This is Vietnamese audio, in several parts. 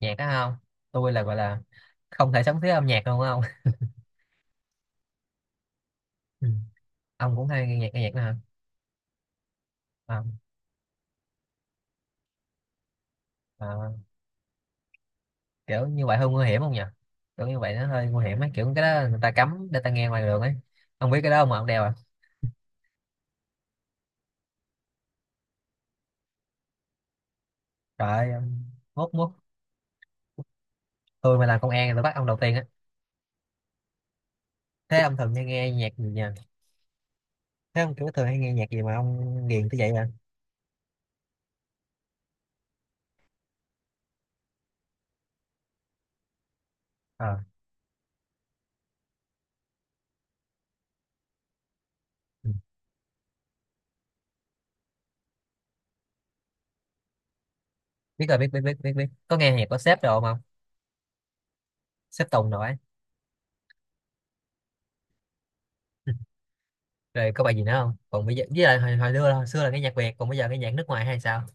Nhạc đó không? Tôi là gọi là không thể sống thiếu âm nhạc luôn không. Ừ. Ông cũng hay nghe nhạc đó hả? Ờ, ờ, kiểu như vậy hơi nguy hiểm không nhỉ? Kiểu như vậy nó hơi nguy hiểm ấy, kiểu cái đó người ta cấm để ta nghe ngoài đường ấy. Ông biết cái đó không mà ông đeo à? Trời ơi, ông- mốt mốt tôi mà làm công an thì tôi bắt ông đầu tiên á. Thế ông thường hay nghe nhạc gì nhỉ? Thế ông kiểu thường hay nghe nhạc gì mà ông ghiền tới vậy à? Ờ. Ừ. Biết rồi, biết biết biết biết biết, có nghe nhạc của sếp đồ không ông? Sếp Tùng rồi ấy. Rồi có bài gì nữa không? Còn bây giờ với lại hồi xưa là nghe nhạc Việt, còn bây giờ cái nhạc nước ngoài hay sao?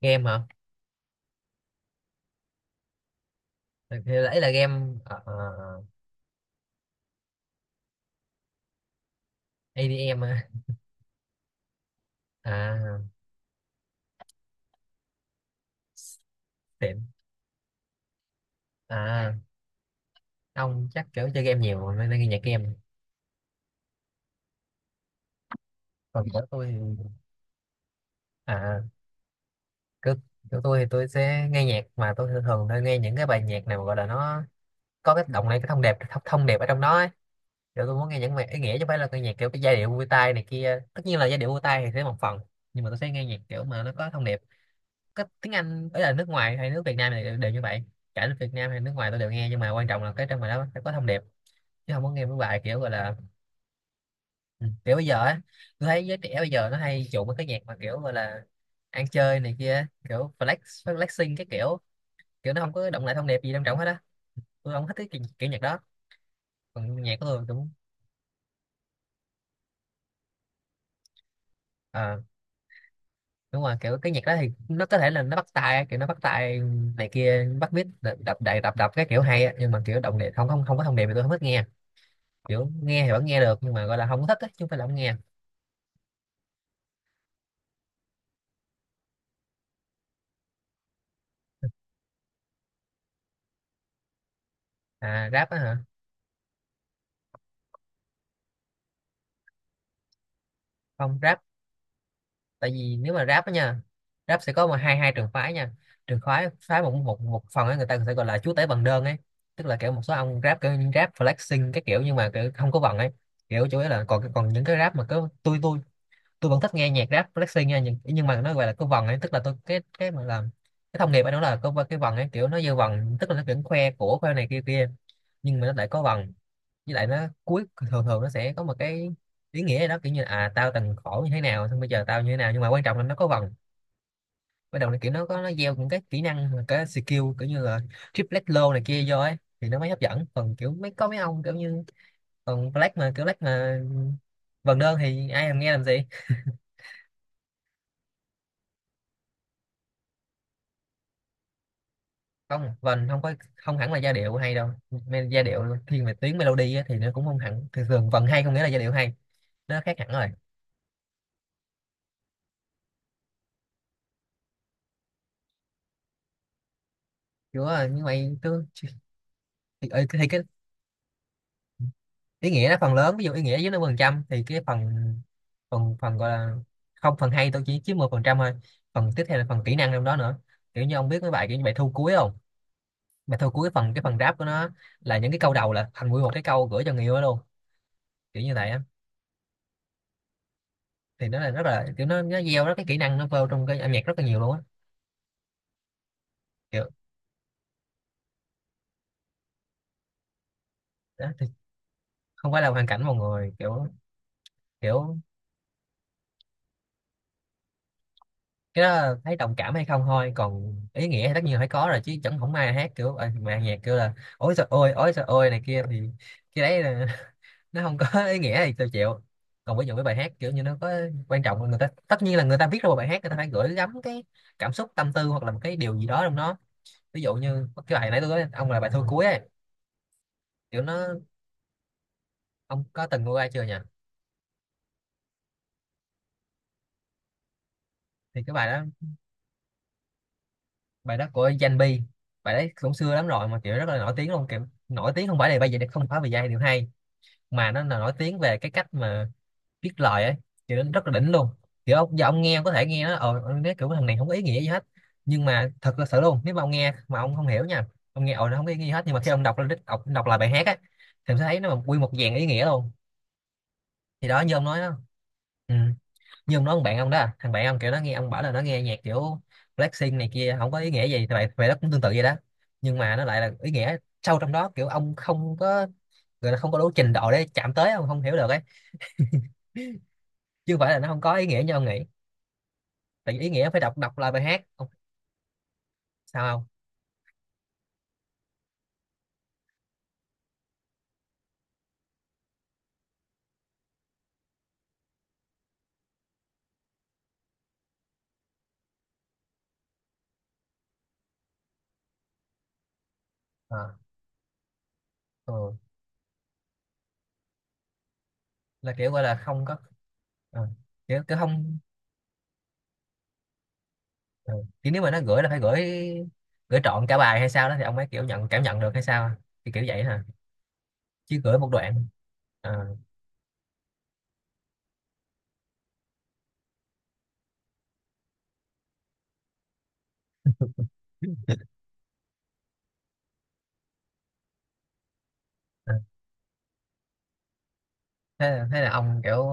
Nghe hả? Thì đấy là game. ờ, ờ, ADM á. À, tiệm. À, ông chắc kiểu chơi game nhiều nên nên nghe nhạc game. Còn của tôi thì- à, cứ của tôi thì tôi sẽ nghe nhạc mà tôi thường thường tôi nghe những cái bài nhạc nào mà gọi là nó có cái động này, cái thông đẹp ở trong đó ấy. Kiểu tôi muốn nghe những bài ý nghĩa chứ không phải là cái nhạc kiểu cái giai điệu vui tai này kia. Tất nhiên là giai điệu vui tai thì sẽ một phần, nhưng mà tôi sẽ nghe nhạc kiểu mà nó có thông điệp. Có tiếng Anh ấy là nước ngoài hay nước Việt Nam này đều như vậy. Cả nước Việt Nam hay nước ngoài tôi đều nghe, nhưng mà quan trọng là cái trong bài đó phải có thông điệp, chứ không có nghe mấy bài kiểu gọi là. Ừ, kiểu bây giờ á, tôi thấy giới trẻ bây giờ nó hay chuộng mấy cái nhạc mà kiểu gọi là ăn chơi này kia, kiểu flex, flexing cái kiểu, kiểu nó không có động lại thông điệp gì quan trọng hết á. Tôi không thích cái kiểu nhạc đó. Còn nhạc của tôi cũng ờ đúng rồi, kiểu cái nhạc đó thì nó có thể là nó bắt tai, kiểu nó bắt tai này kia, bắt beat đập đập đập đập, đập cái kiểu hay á, nhưng mà kiểu động điệp không không không có thông điệp thì tôi không thích nghe. Kiểu nghe thì vẫn nghe được nhưng mà gọi là không có thích á, chứ không phải là không nghe. À rap á hả? Không rap. Tại vì nếu mà rap á nha, rap sẽ có mà hai hai trường phái nha. Trường phái phái một một một phần ấy người ta sẽ gọi là chúa tể bằng đơn ấy. Tức là kiểu một số ông rap kiểu những rap flexing cái kiểu nhưng mà kiểu không có vần ấy. Kiểu chủ yếu là còn còn những cái rap mà cứ tôi tôi vẫn thích nghe nhạc rap flexing nha, nhưng mà nó gọi là có vần ấy, tức là tôi cái mà làm cái thông nghiệp ấy nó là có cái vần ấy, kiểu nó dư vần, tức là nó vẫn khoe của khoe này kia kia nhưng mà nó lại có vần. Với lại nó cuối, thường thường nó sẽ có một cái ý nghĩa gì đó, kiểu như là, à tao từng khổ như thế nào xong bây giờ tao như thế nào, nhưng mà quan trọng là nó có vần. Bắt đầu là kiểu nó có nó gieo những cái kỹ năng và cái skill kiểu như là triplet low này kia vô ấy, thì nó mới hấp dẫn. Còn kiểu mấy có mấy ông kiểu như còn black mà kiểu black mà vần đơn thì ai làm nghe làm gì. Không vần không có, không hẳn là giai điệu hay đâu. Me- giai điệu thiên về tiếng melody á, thì nó cũng không hẳn, thường thường vần hay không nghĩa là giai điệu hay, nó khác hẳn rồi. Kiểu như vậy tôi thì cái ý nghĩa nó phần lớn, ví dụ ý nghĩa dưới 50% thì cái phần phần phần gọi là không phần hay tôi chỉ chiếm 10% thôi. Phần tiếp theo là phần kỹ năng trong đó nữa. Kiểu như ông biết mấy bài kiểu như bài thu cuối không? Bài thu cuối phần cái phần rap của nó là những cái câu đầu là thành nguyên một cái câu gửi cho người yêu đó luôn, kiểu như vậy á. Thì nó là rất là kiểu nó gieo rất cái kỹ năng nó vào trong cái âm nhạc rất là nhiều luôn á kiểu đó, thì không phải là hoàn cảnh mọi người, kiểu kiểu cái đó thấy đồng cảm hay không thôi, còn ý nghĩa thì tất nhiên là phải có rồi, chứ chẳng không ai hát kiểu mà nhạc kêu là ối trời ôi này kia thì cái đấy là, nó không có ý nghĩa thì tôi chịu. Còn ví dụ cái bài hát kiểu như nó có, quan trọng là người ta, tất nhiên là người ta viết ra một bài hát người ta phải gửi gắm cái cảm xúc tâm tư hoặc là một cái điều gì đó trong nó. Ví dụ như cái bài nãy tôi nói ông là bài thôi cuối ấy, kiểu nó ông có từng nghe ai chưa nhỉ? Thì cái bài đó, bài đó của Danh Bi. Bài đấy cũng xưa lắm rồi mà kiểu rất là nổi tiếng luôn, kiểu nổi tiếng không phải là bây giờ, không phải vì giai điệu hay mà nó là nổi tiếng về cái cách mà viết lời ấy, kiểu nó rất là đỉnh luôn. Kiểu ông, giờ ông nghe, ông có thể nghe nó ông nói kiểu thằng này không có ý nghĩa gì hết, nhưng mà thật là sự luôn, nếu mà ông nghe mà ông không hiểu nha, ông nghe ồ nó không có ý nghĩa gì hết, nhưng mà khi ông đọc lên đọc lại bài hát á thì ông sẽ thấy nó quy một dàn ý nghĩa luôn. Thì đó như ông nói đó. Ừ. Như ông nói ông bạn ông đó, thằng bạn ông kiểu nó nghe, ông bảo là nó nghe nhạc kiểu Blackpink này kia không có ý nghĩa gì, thì vậy vậy đó cũng tương tự vậy đó. Nhưng mà nó lại là ý nghĩa sâu trong đó, kiểu ông không có, người ta không có đủ trình độ để chạm tới, ông không hiểu được ấy, chứ không phải là nó không có ý nghĩa như ông nghĩ. Tại vì ý nghĩa phải đọc đọc lại bài hát ông, sao không? à, ừ. Là kiểu gọi là không có. À, kiểu, kiểu không. Ừ. Kiểu nếu mà nó gửi là phải gửi gửi trọn cả bài hay sao đó thì ông ấy kiểu nhận cảm nhận được hay sao, thì kiểu vậy hả, chứ gửi một đoạn. à, à. Thế là ông kiểu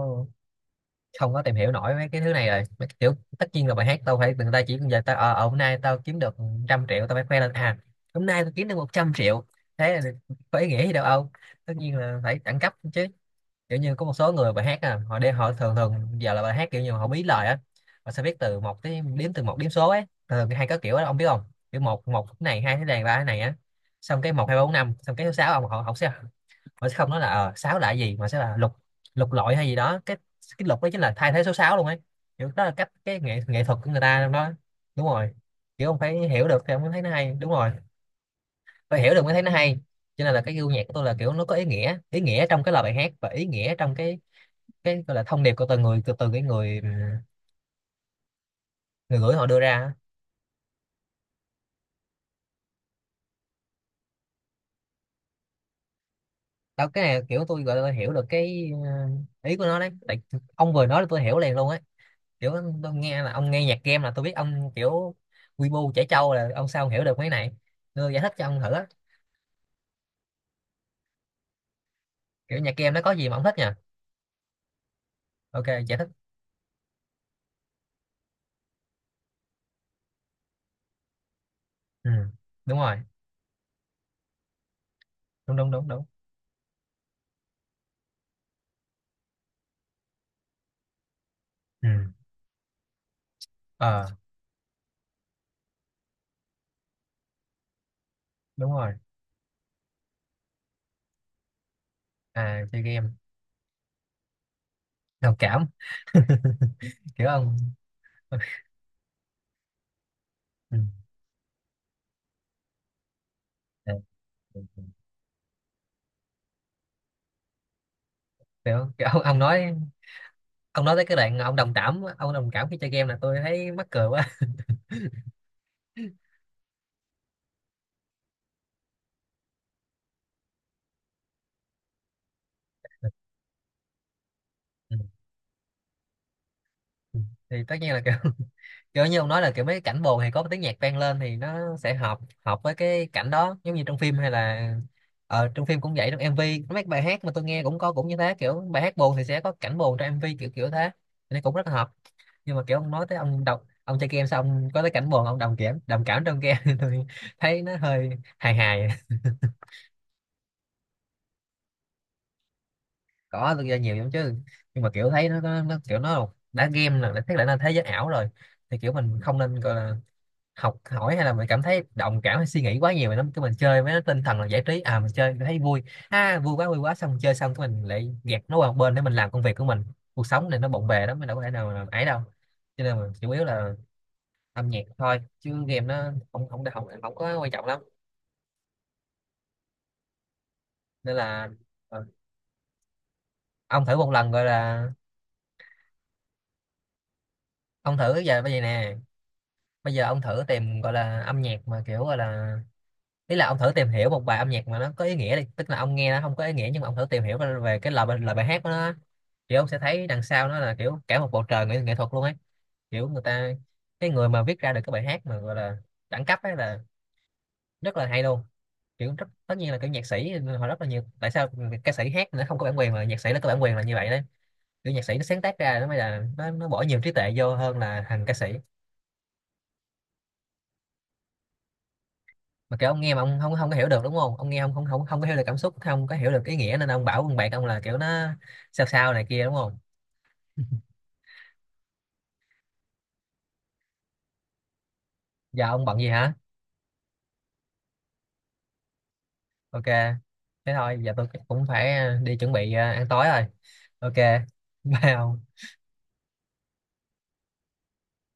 không có tìm hiểu nổi mấy cái thứ này rồi, mấy cái kiểu tất nhiên là bài hát tao phải, người ta chỉ giờ tao hôm nay tao kiếm được trăm triệu tao phải khoe lên à? Hôm nay tao kiếm được 100 triệu, thế là có ý nghĩa gì đâu ông? Tất nhiên là phải đẳng cấp chứ. Kiểu như có một số người bài hát, à, họ đi họ thường thường giờ là bài hát kiểu như họ bí lời á, họ sẽ viết từ một tới đếm từ một đếm số ấy, thường hay có kiểu đó ông biết không? Kiểu một một cái này, hai cái này, ba cái này á, xong cái một hai ba bốn năm, xong cái số sáu ông, họ họ sẽ, họ sẽ không nói là ờ sáu là cái gì mà sẽ là lục, lục lọi hay gì đó, cái lục đó chính là thay thế số sáu luôn ấy. Kiểu đó là cách cái nghệ nghệ thuật của người ta trong đó. Đúng rồi, kiểu ông phải hiểu được thì ông mới thấy nó hay. Đúng rồi, phải hiểu được mới thấy nó hay. Cho nên là cái gu nhạc của tôi là kiểu nó có ý nghĩa, ý nghĩa trong cái lời bài hát và ý nghĩa trong cái gọi là thông điệp của từng người, từ từ cái người người gửi họ đưa ra á. Đó, cái này kiểu tôi gọi là tôi hiểu được cái ý của nó đấy. Tại ông vừa nói là tôi hiểu liền luôn ấy. Kiểu tôi nghe là ông nghe nhạc game là tôi biết ông kiểu quy bu trẻ trâu, là ông sao ông hiểu được mấy này. Tôi giải thích cho ông thử á, kiểu nhạc game nó có gì mà ông thích nha. Ok, giải thích. Ừ, đúng rồi. Đúng đúng đúng đúng. Ừ. Ờ, đúng rồi. À, chơi game. Đồng cảm. Kiểu ông ừ. kiểu, kiểu ông nói tới cái đoạn ông đồng cảm, ông đồng cảm khi chơi game là tôi thấy mắc cười quá. Ừ. Ừ. Thì tất nhiên là kiểu kiểu như ông nói là kiểu mấy cái cảnh buồn thì có tiếng nhạc vang lên thì nó sẽ hợp, hợp với cái cảnh đó, giống như trong phim hay là trong phim cũng vậy, trong MV mấy bài hát mà tôi nghe cũng có, cũng như thế. Kiểu bài hát buồn thì sẽ có cảnh buồn trong MV, kiểu kiểu thế thì nó cũng rất là hợp. Nhưng mà kiểu ông nói tới ông đọc ông chơi game xong có tới cảnh buồn ông đồng cảm, đồng cảm trong game thì tôi thấy nó hơi hài hài. Có, tôi chơi nhiều lắm chứ, nhưng mà kiểu thấy nó kiểu nó đã game là đã thấy là thế giới ảo rồi, thì kiểu mình không nên gọi là học hỏi hay là mình cảm thấy đồng cảm hay suy nghĩ quá nhiều về nó. Cái mình chơi với nó tinh thần là giải trí à, mình chơi thấy vui ha, vui quá vui quá, xong mình chơi xong cái mình lại gạt nó qua một bên để mình làm công việc của mình. Cuộc sống này nó bộn bề lắm, mình đâu có thể nào mà ấy đâu. Cho nên mình chủ yếu là âm nhạc thôi, chứ game nó không không không, không có quan trọng lắm. Nên là ờ, ông thử một lần gọi là ông thử giờ, bây giờ nè, bây giờ ông thử tìm gọi là âm nhạc mà kiểu gọi là ý là ông thử tìm hiểu một bài âm nhạc mà nó có ý nghĩa đi, tức là ông nghe nó không có ý nghĩa nhưng mà ông thử tìm hiểu về cái lời bài hát của nó á. Thì ông sẽ thấy đằng sau nó là kiểu cả một bầu trời nghệ thuật luôn ấy. Kiểu người ta, cái người mà viết ra được cái bài hát mà gọi là đẳng cấp ấy là rất là hay luôn. Kiểu rất tất nhiên là kiểu nhạc sĩ họ rất là nhiều. Tại sao ca sĩ hát nó không có bản quyền mà nhạc sĩ nó có bản quyền là như vậy đấy. Kiểu nhạc sĩ nó sáng tác ra nó mới là nó bỏ nhiều trí tuệ vô hơn là thằng ca sĩ. Mà kiểu ông nghe mà ông không không có hiểu được, đúng không, ông nghe ông không không không có hiểu được cảm xúc, không có hiểu được ý nghĩa, nên ông bảo con bạn ông là kiểu nó sao sao này kia, đúng không? Giờ ông bận gì hả? Ok. Thế thôi, giờ tôi cũng phải đi chuẩn bị ăn tối rồi. Ok. Bye ông.